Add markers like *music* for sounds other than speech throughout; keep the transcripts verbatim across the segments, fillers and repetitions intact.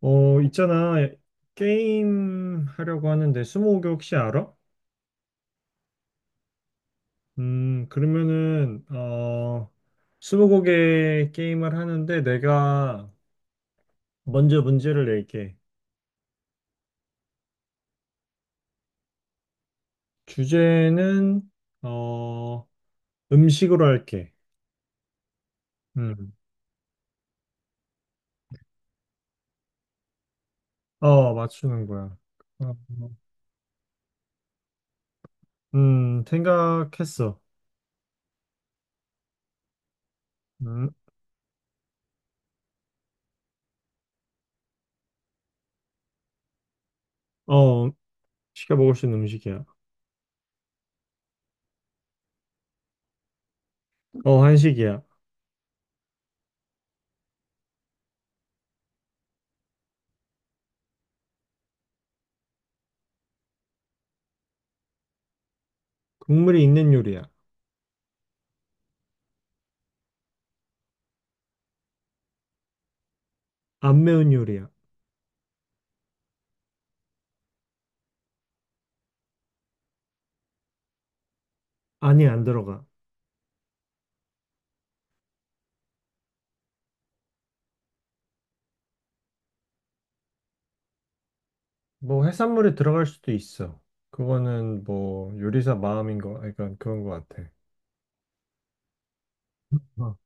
어, 있잖아. 게임 하려고 하는데, 스무고개 혹시 알아? 음, 그러면은, 어, 스무고개 게임을 하는데, 내가 먼저 문제를 낼게. 주제는, 어, 음식으로 할게. 음, 어, 맞추는 거야. 어, 음, 생각했어. 음, 어, 시켜 먹을 수 있는 음식이야. 어, 한식이야. 국물이 있는 요리야. 안 매운 요리야. 아니, 안 들어가. 뭐 해산물이 들어갈 수도 있어. 그거는 뭐 요리사 마음인 거, 그러니까 그런 거 같아. 어,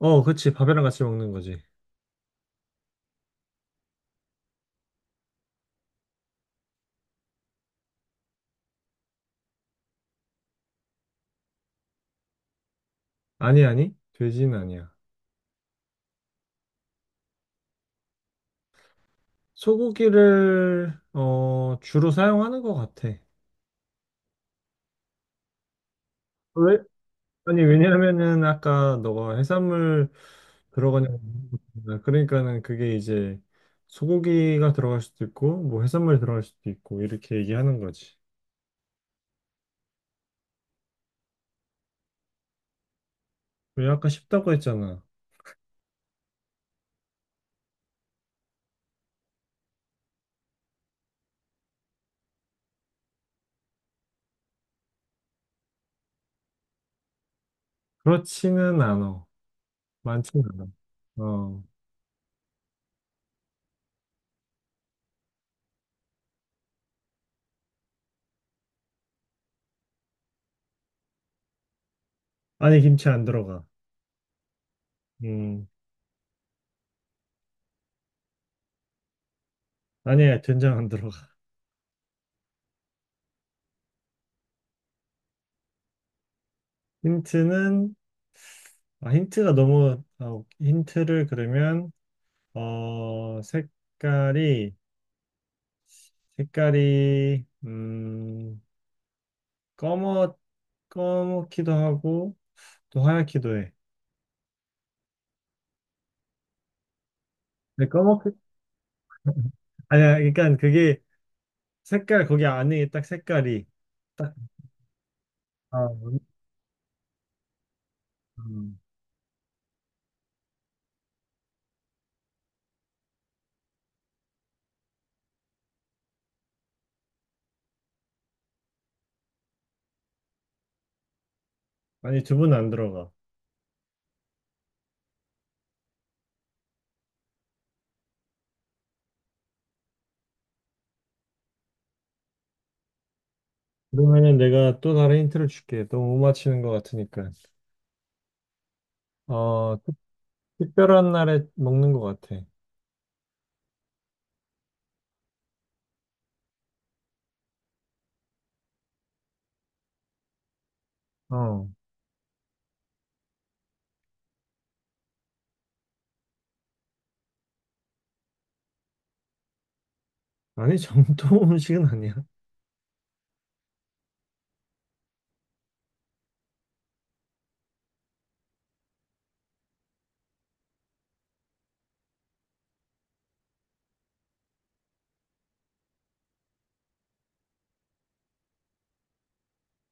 어, 그치. 밥이랑 같이 먹는 거지. 아니, 아니. 돼지는 아니야. 소고기를 어, 주로 사용하는 거 같아. 왜? 아니, 왜냐면은 아까 너가 해산물 들어가냐고 물어봤잖아. 그러니까는 그게 이제 소고기가 들어갈 수도 있고 뭐 해산물 들어갈 수도 있고 이렇게 얘기하는 거지. 왜 아까 쉽다고 했잖아. 그렇지는 않아. 많지는 않아. 어. 안에 김치 안 들어가. 음. 니야 된장 안 들어가. 힌트는, 아, 힌트가 너무, 아, 힌트를 그러면, 어, 색깔이, 색깔이, 음, 검어, 검기도 하고, 또 하얗기도 해. 근데 검어, 아니야, 그러니까 그게 색깔, 거기 안에 딱 색깔이, 딱, 아, 음. 아니, 두 분 안 들어가. 그러면은 내가 또 다른 힌트를 줄게. 너무 못 맞히는 것 같으니까. 어, 특- 특별한 날에 먹는 것 같아. 어. 아니, 정통 음식은 아니야.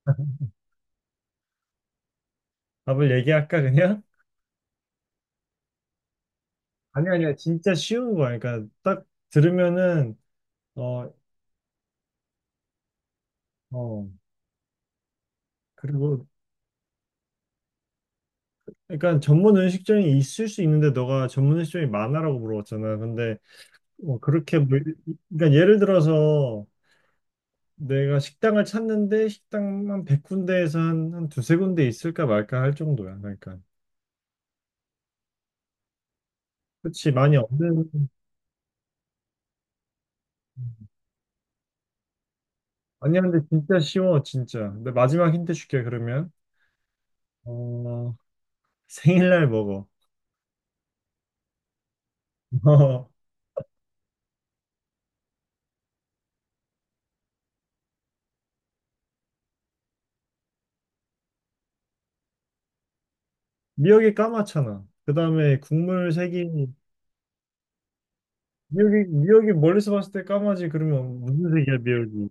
*laughs* 답을 얘기할까, 그냥? 아니, 아니야. 진짜 쉬운 거야. 그러니까 딱 들으면은, 어, 어. 그리고, 그러니까 전문 음식점이 있을 수 있는데, 너가 전문 음식점이 많아라고 물어봤잖아. 근데, 뭐, 그렇게, 뭐, 그러니까 예를 들어서, 내가 식당을 찾는데, 식당만 백 군데에서 한, 한 두세 군데 있을까 말까 할 정도야. 그러니까. 그렇지, 많이 없는. 아니야, 근데 진짜 쉬워, 진짜. 근데 마지막 힌트 줄게, 그러면. 어, 생일날 먹어. *laughs* 어, 미역이 까맣잖아. 그 다음에 국물 색이, 미역이, 미역이 멀리서 봤을 때 까마지, 그러면 무슨 색이야, 미역이?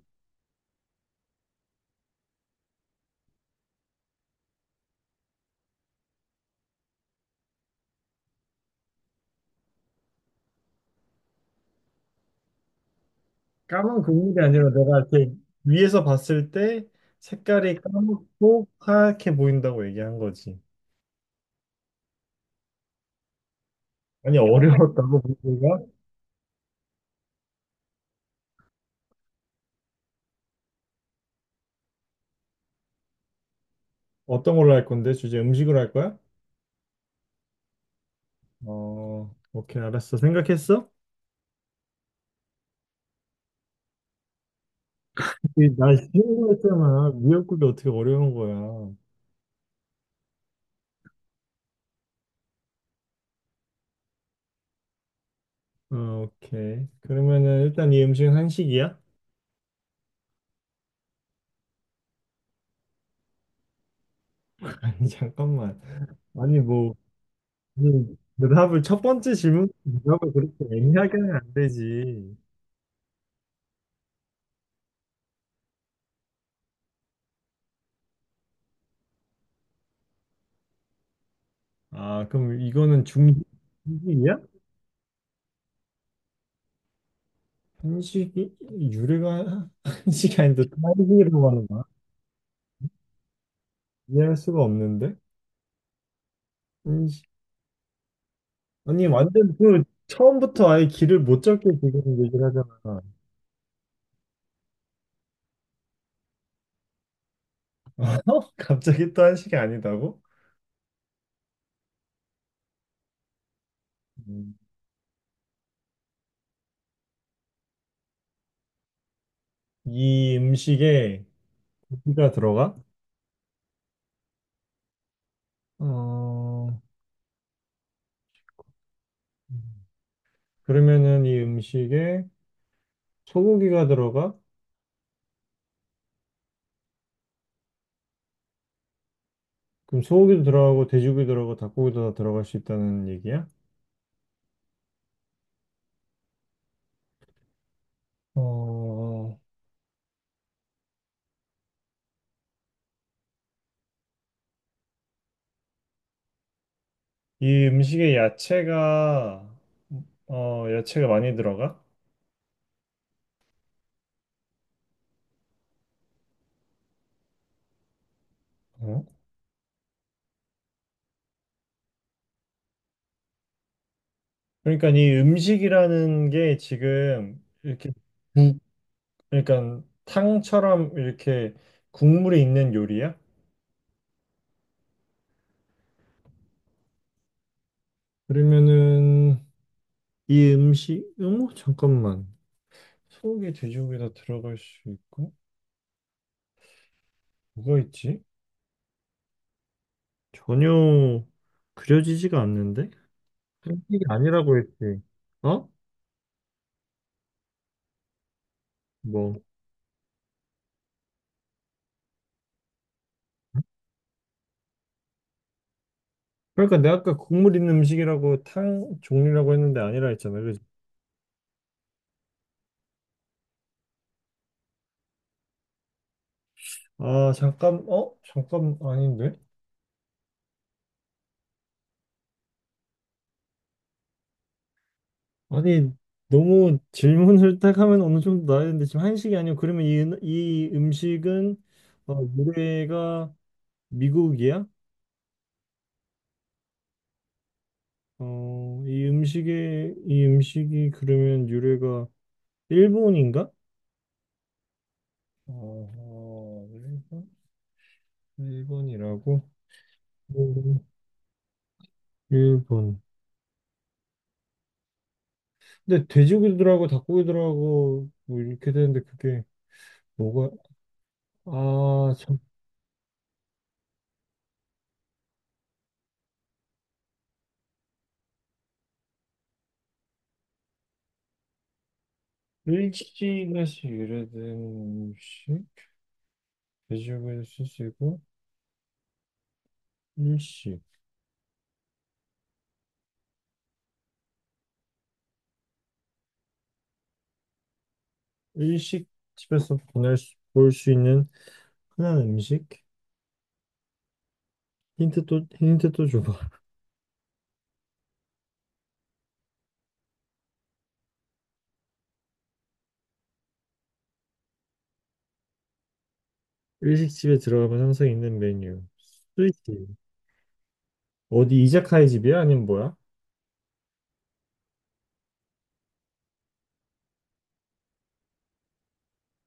까만 국물이 아니라 내가 이렇게 위에서 봤을 때 색깔이 까맣고 하얗게 보인다고 얘기한 거지. 아니, 어려웠다고, 보기가? 어떤 걸로 할 건데? 주제 음식으로 할 거야? 어, 오케이, 알았어. 생각했어? 이날 쉬운 거잖아 미역국이 어떻게 어려운 거야. 어, 오케이. 그러면은 일단 이 음식은 한식이야? *laughs* 아니, 잠깐만. 아니, 뭐, 이 대답을 첫 번째 질문 대답을 그렇게 애매하게 하면 안 되지. 아, 그럼 이거는 중식이야? 한식이 유래가 *laughs* 한식이 아닌데 또 한식이라고 하는 거야? 이해할 수가 없는데? 한식. 아니, 완전 그 처음부터 아예 길을 못 잡게 지금 얘기를 하잖아. *laughs* 어? 갑자기 또 한식이 아니다고? 음. 이 음식에 고기가 들어가? 어, 그러면은 이 음식에 소고기가 들어가? 그럼 소고기도 들어가고 돼지고기 들어가고 닭고기도 다 들어갈 수 있다는 얘기야? 어, 이 음식에 야채가 어, 야채가 많이 들어가? 어? 그러니까 이 음식이라는 게 지금 이렇게 국, 그러니까 탕처럼 이렇게 국물이 있는 요리야? 그러면은 이 음식, 어머, 잠깐만. 소고기, 돼지고기 다 들어갈 수 있고, 뭐가 있지? 전혀 그려지지가 않는데? 한식이 아니라고 했지. 어? 뭐. 그러니까 내가 아까 국물 있는 음식이라고 탕 종류라고 했는데 아니라 했잖아. 그 아, 잠깐, 어? 잠깐, 아닌데? 아니, 너무 질문을 딱 하면 어느 정도 나야 되는데, 지금 한식이 아니고, 그러면 이, 은- 이 음식은, 어, 노래가 미국이야? 어, 이 음식의, 이 음식이 그러면 유래가 일본인가? 어, 일본? 일본이라고? 음. 일본. 근데 돼지고기 들어가고 닭고기 들어가고 뭐 이렇게 되는데 그게 뭐가, 아, 참. 일식에서 유래된 음식? 돼지고기를 쓸수 있고, 일식. 일식 집에서 보낼 수, 볼 수 있는 흔한 음식? 힌트 또, 힌트 또 줘. 일식집에 들어가면 항상 있는 메뉴. 스시지. 어디 이자카야 집이야? 아니면 뭐야?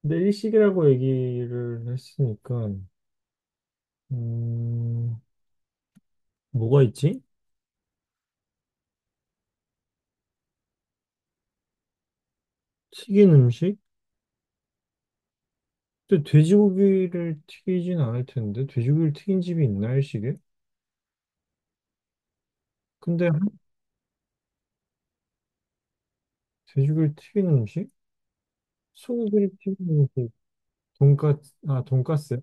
근데 일식이라고 얘기를 했으니까 음, 뭐가 있지? 튀긴 음식? 근데 돼지고기를 튀기진 않을 텐데 돼지고기를 튀긴 집이 있나 일식에? 근데 한- 돼지고기를 튀긴 음식? 소고기를 튀긴 음식? 돈까스 아 돈까스?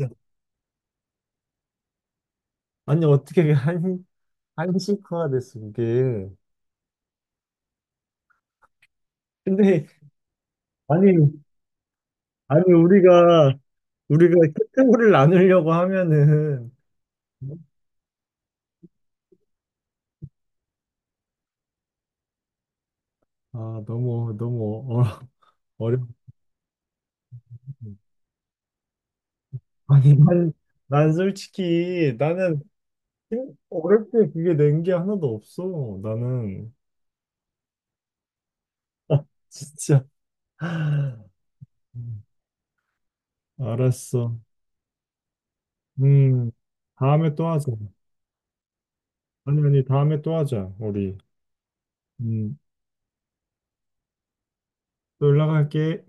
야, 아니 어떻게 그게 한 한식화가 됐어 그게 근데 아니 아니 우리가 우리가 카테고리를 나누려고 하면은 아 너무 너무 어, 어렵. 아니 난, 난 솔직히 나는 힘- 어릴 때 그게 낸 게 하나도 없어. 나는 아, 진짜 음, 알았어. 음 다음에 또 하자. 아니 아니 다음에 또 하자 우리. 음또 연락할게.